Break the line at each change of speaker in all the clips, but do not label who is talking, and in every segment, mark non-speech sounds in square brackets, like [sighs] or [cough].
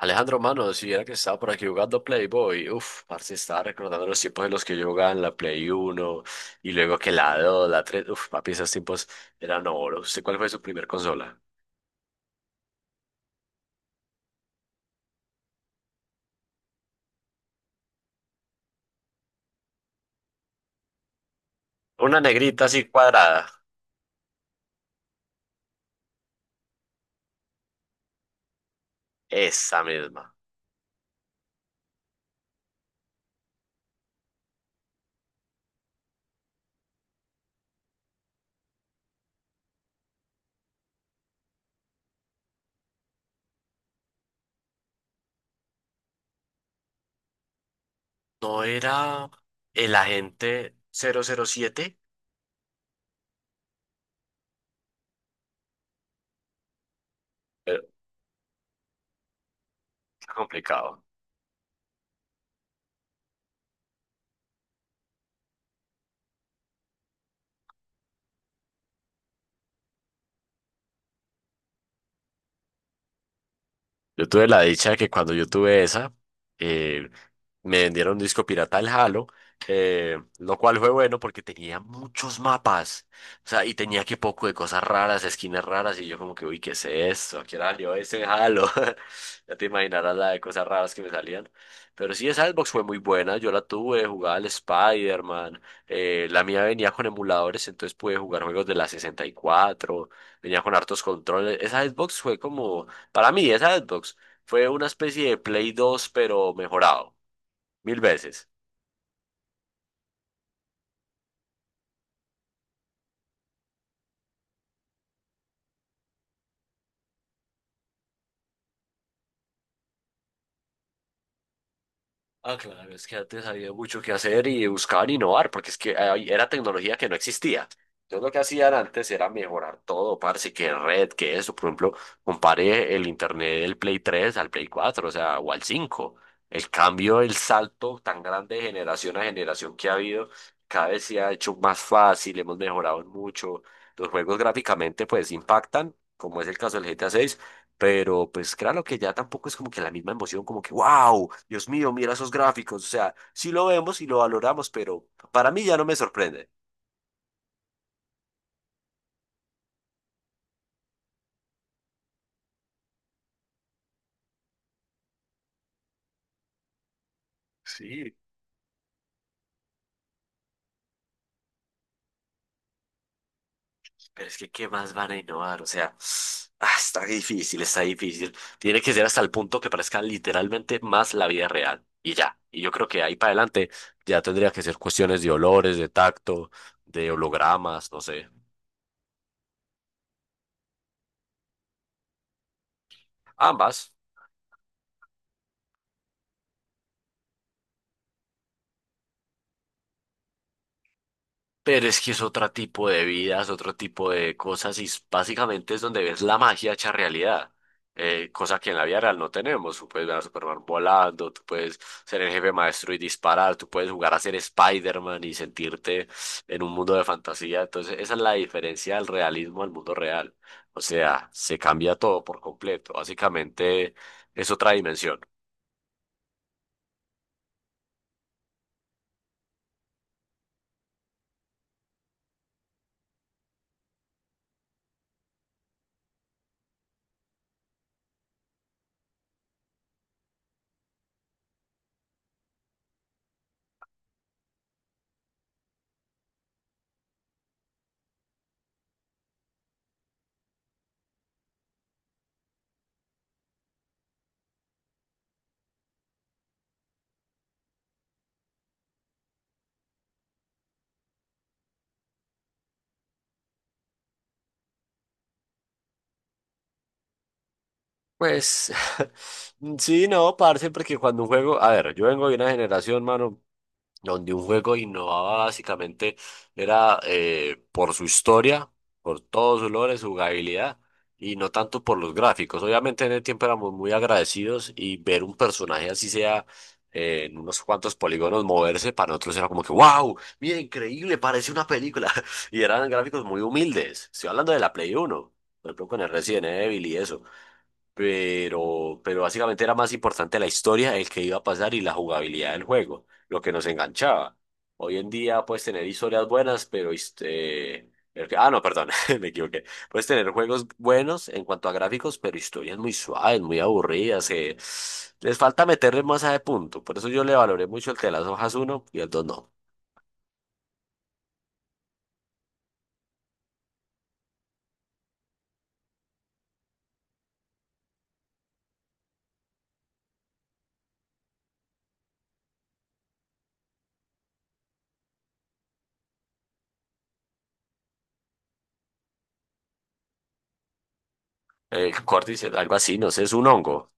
Alejandro, mano, si era que estaba por aquí jugando Playboy, uff, parce, estaba recordando los tiempos en los que yo jugaba en la Play Uno y luego que la 2, la 3, uff, papi, esos tiempos eran oro. ¿Usted cuál fue su primer consola? Una negrita así cuadrada, esa misma. ¿No era el agente cero cero siete? Eh, complicado. Yo tuve la dicha de que cuando yo tuve esa, eh, me vendieron un disco pirata al Halo, lo cual fue bueno porque tenía muchos mapas, o sea, y tenía que poco de cosas raras, esquinas raras, y yo como que, uy, ¿qué es esto? ¿A qué salió ese Halo? [laughs] Ya te imaginarás la de cosas raras que me salían. Pero sí, esa Xbox fue muy buena, yo la tuve, jugaba al Spider-Man, la mía venía con emuladores, entonces pude jugar juegos de la 64. Venía con hartos controles, esa Xbox fue como para mí, esa Xbox fue una especie de Play 2 pero mejorado, mil veces. Ah, claro, es que antes había mucho que hacer y buscaban innovar, porque es que ahí era tecnología que no existía. Entonces lo que hacían antes era mejorar todo, parce, que red, que eso. Por ejemplo, compare el internet del Play 3 al Play 4, o sea, o al 5. El cambio, el salto tan grande de generación a generación que ha habido, cada vez se ha hecho más fácil, hemos mejorado en mucho. Los juegos gráficamente pues impactan, como es el caso del GTA 6, pero pues claro que ya tampoco es como que la misma emoción, como que, wow, Dios mío, mira esos gráficos. O sea, sí lo vemos y lo valoramos, pero para mí ya no me sorprende. Sí, pero es que, ¿qué más van a innovar? O sea, [sighs] ah, está difícil, está difícil. Tiene que ser hasta el punto que parezca literalmente más la vida real. Y ya. Y yo creo que ahí para adelante ya tendría que ser cuestiones de olores, de tacto, de hologramas, no sé. Ambas. Pero es que es otro tipo de vidas, otro tipo de cosas y básicamente es donde ves la magia hecha realidad, cosa que en la vida real no tenemos. Tú puedes ver a Superman volando, tú puedes ser el jefe maestro y disparar, tú puedes jugar a ser Spider-Man y sentirte en un mundo de fantasía. Entonces esa es la diferencia del realismo al mundo real. O sea, se cambia todo por completo. Básicamente es otra dimensión. Pues [laughs] sí, no, parce, porque cuando un juego, a ver, yo vengo de una generación, mano, donde un juego innovaba básicamente era por su historia, por todos sus logros, su jugabilidad y no tanto por los gráficos. Obviamente en el tiempo éramos muy agradecidos y ver un personaje así sea en unos cuantos polígonos moverse para nosotros era como que wow, mira, increíble, parece una película. [laughs] Y eran gráficos muy humildes. Estoy hablando de la Play Uno, por ejemplo, con el Resident Evil y eso, pero básicamente era más importante la historia, el que iba a pasar y la jugabilidad del juego, lo que nos enganchaba. Hoy en día puedes tener historias buenas, pero este... Ah, no, perdón, [laughs] me equivoqué. Puedes tener juegos buenos en cuanto a gráficos, pero historias muy suaves, muy aburridas, que les falta meterle más a de punto. Por eso yo le valoré mucho el de las hojas uno y el 2 no. El córdice, algo así, no sé, es un hongo.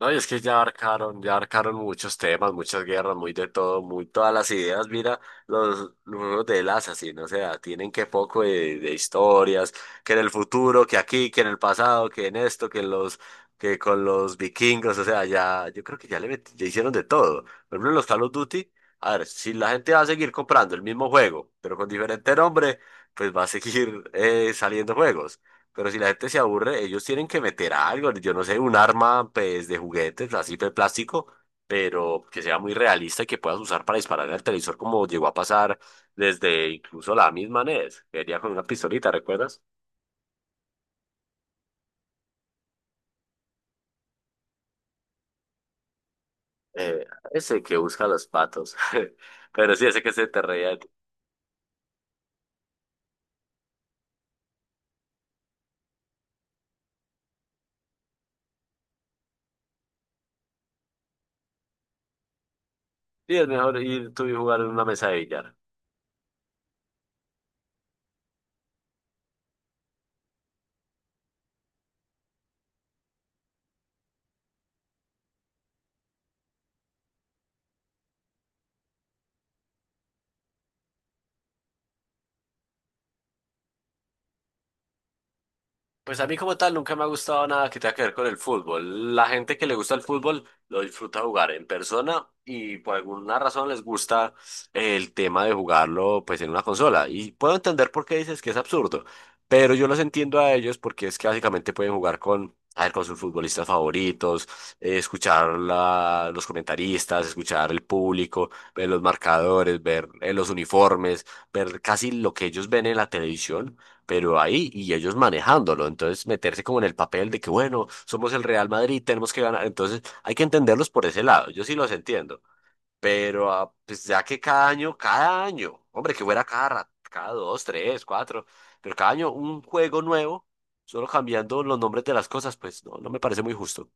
No, y es que ya abarcaron muchos temas, muchas guerras, muy de todo, muy todas las ideas. Mira, los juegos de las así, no sea, tienen que poco de historias, que en el futuro, que aquí, que en el pasado, que en esto, que en los, que con los vikingos, o sea, ya, yo creo que ya ya hicieron de todo. Por ejemplo, en los Call of Duty, a ver, si la gente va a seguir comprando el mismo juego, pero con diferente nombre, pues va a seguir saliendo juegos. Pero si la gente se aburre, ellos tienen que meter algo, yo no sé, un arma pues de juguetes, así de plástico, pero que sea muy realista y que puedas usar para disparar al el televisor como llegó a pasar desde incluso la misma NES, que venía con una pistolita, ¿recuerdas? Eh, Ese que busca los patos, [laughs] pero sí, ese que se te reía de ti. Sí, es mejor ir tú y jugar en una mesa de billar. Pues a mí como tal nunca me ha gustado nada que tenga que ver con el fútbol. La gente que le gusta el fútbol lo disfruta jugar en persona y por alguna razón les gusta el tema de jugarlo pues en una consola. Y puedo entender por qué dices que es absurdo, pero yo los entiendo a ellos porque es que básicamente pueden jugar con, a ver, con sus futbolistas favoritos, escuchar los comentaristas, escuchar el público, ver los marcadores, ver los uniformes, ver casi lo que ellos ven en la televisión pero ahí y ellos manejándolo. Entonces, meterse como en el papel de que, bueno, somos el Real Madrid, tenemos que ganar. Entonces, hay que entenderlos por ese lado. Yo sí los entiendo. Pero ah, pues ya que cada año, hombre, que fuera cada, cada dos, tres, cuatro, pero cada año un juego nuevo, solo cambiando los nombres de las cosas, pues no, no me parece muy justo.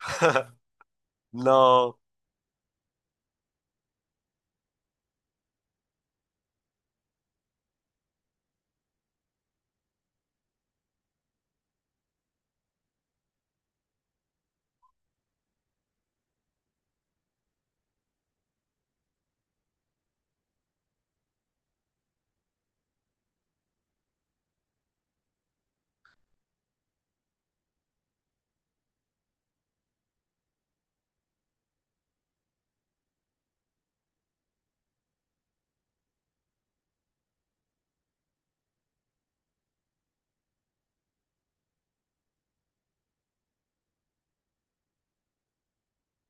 [laughs] No.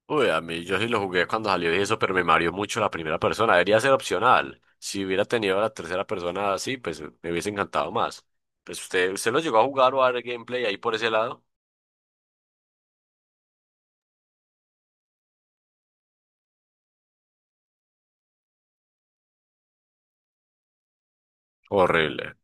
Uy, a mí yo sí lo jugué cuando salió y eso, pero me mareó mucho la primera persona. Debería ser opcional. Si hubiera tenido la tercera persona así, pues me hubiese encantado más. Pues usted, usted lo llegó a jugar o a ver gameplay ahí por ese lado. Horrible.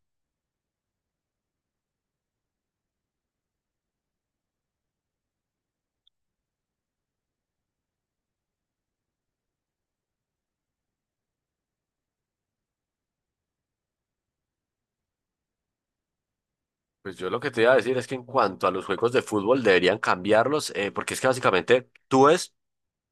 Pues yo lo que te iba a decir es que en cuanto a los juegos de fútbol deberían cambiarlos, porque es que básicamente tú ves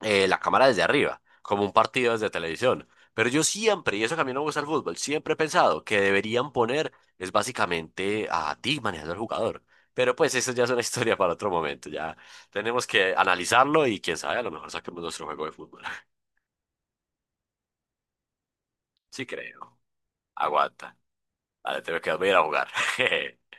la cámara desde arriba, como un partido desde televisión. Pero yo siempre, y eso que a mí no me gusta el fútbol, siempre he pensado que deberían poner, es básicamente a ti manejando al jugador. Pero pues eso ya es una [laughs] historia para otro momento, ya tenemos que analizarlo y quién sabe, a lo mejor saquemos nuestro juego de fútbol. [laughs] Sí creo, aguanta. Vale, tengo que dormir a jugar. [laughs]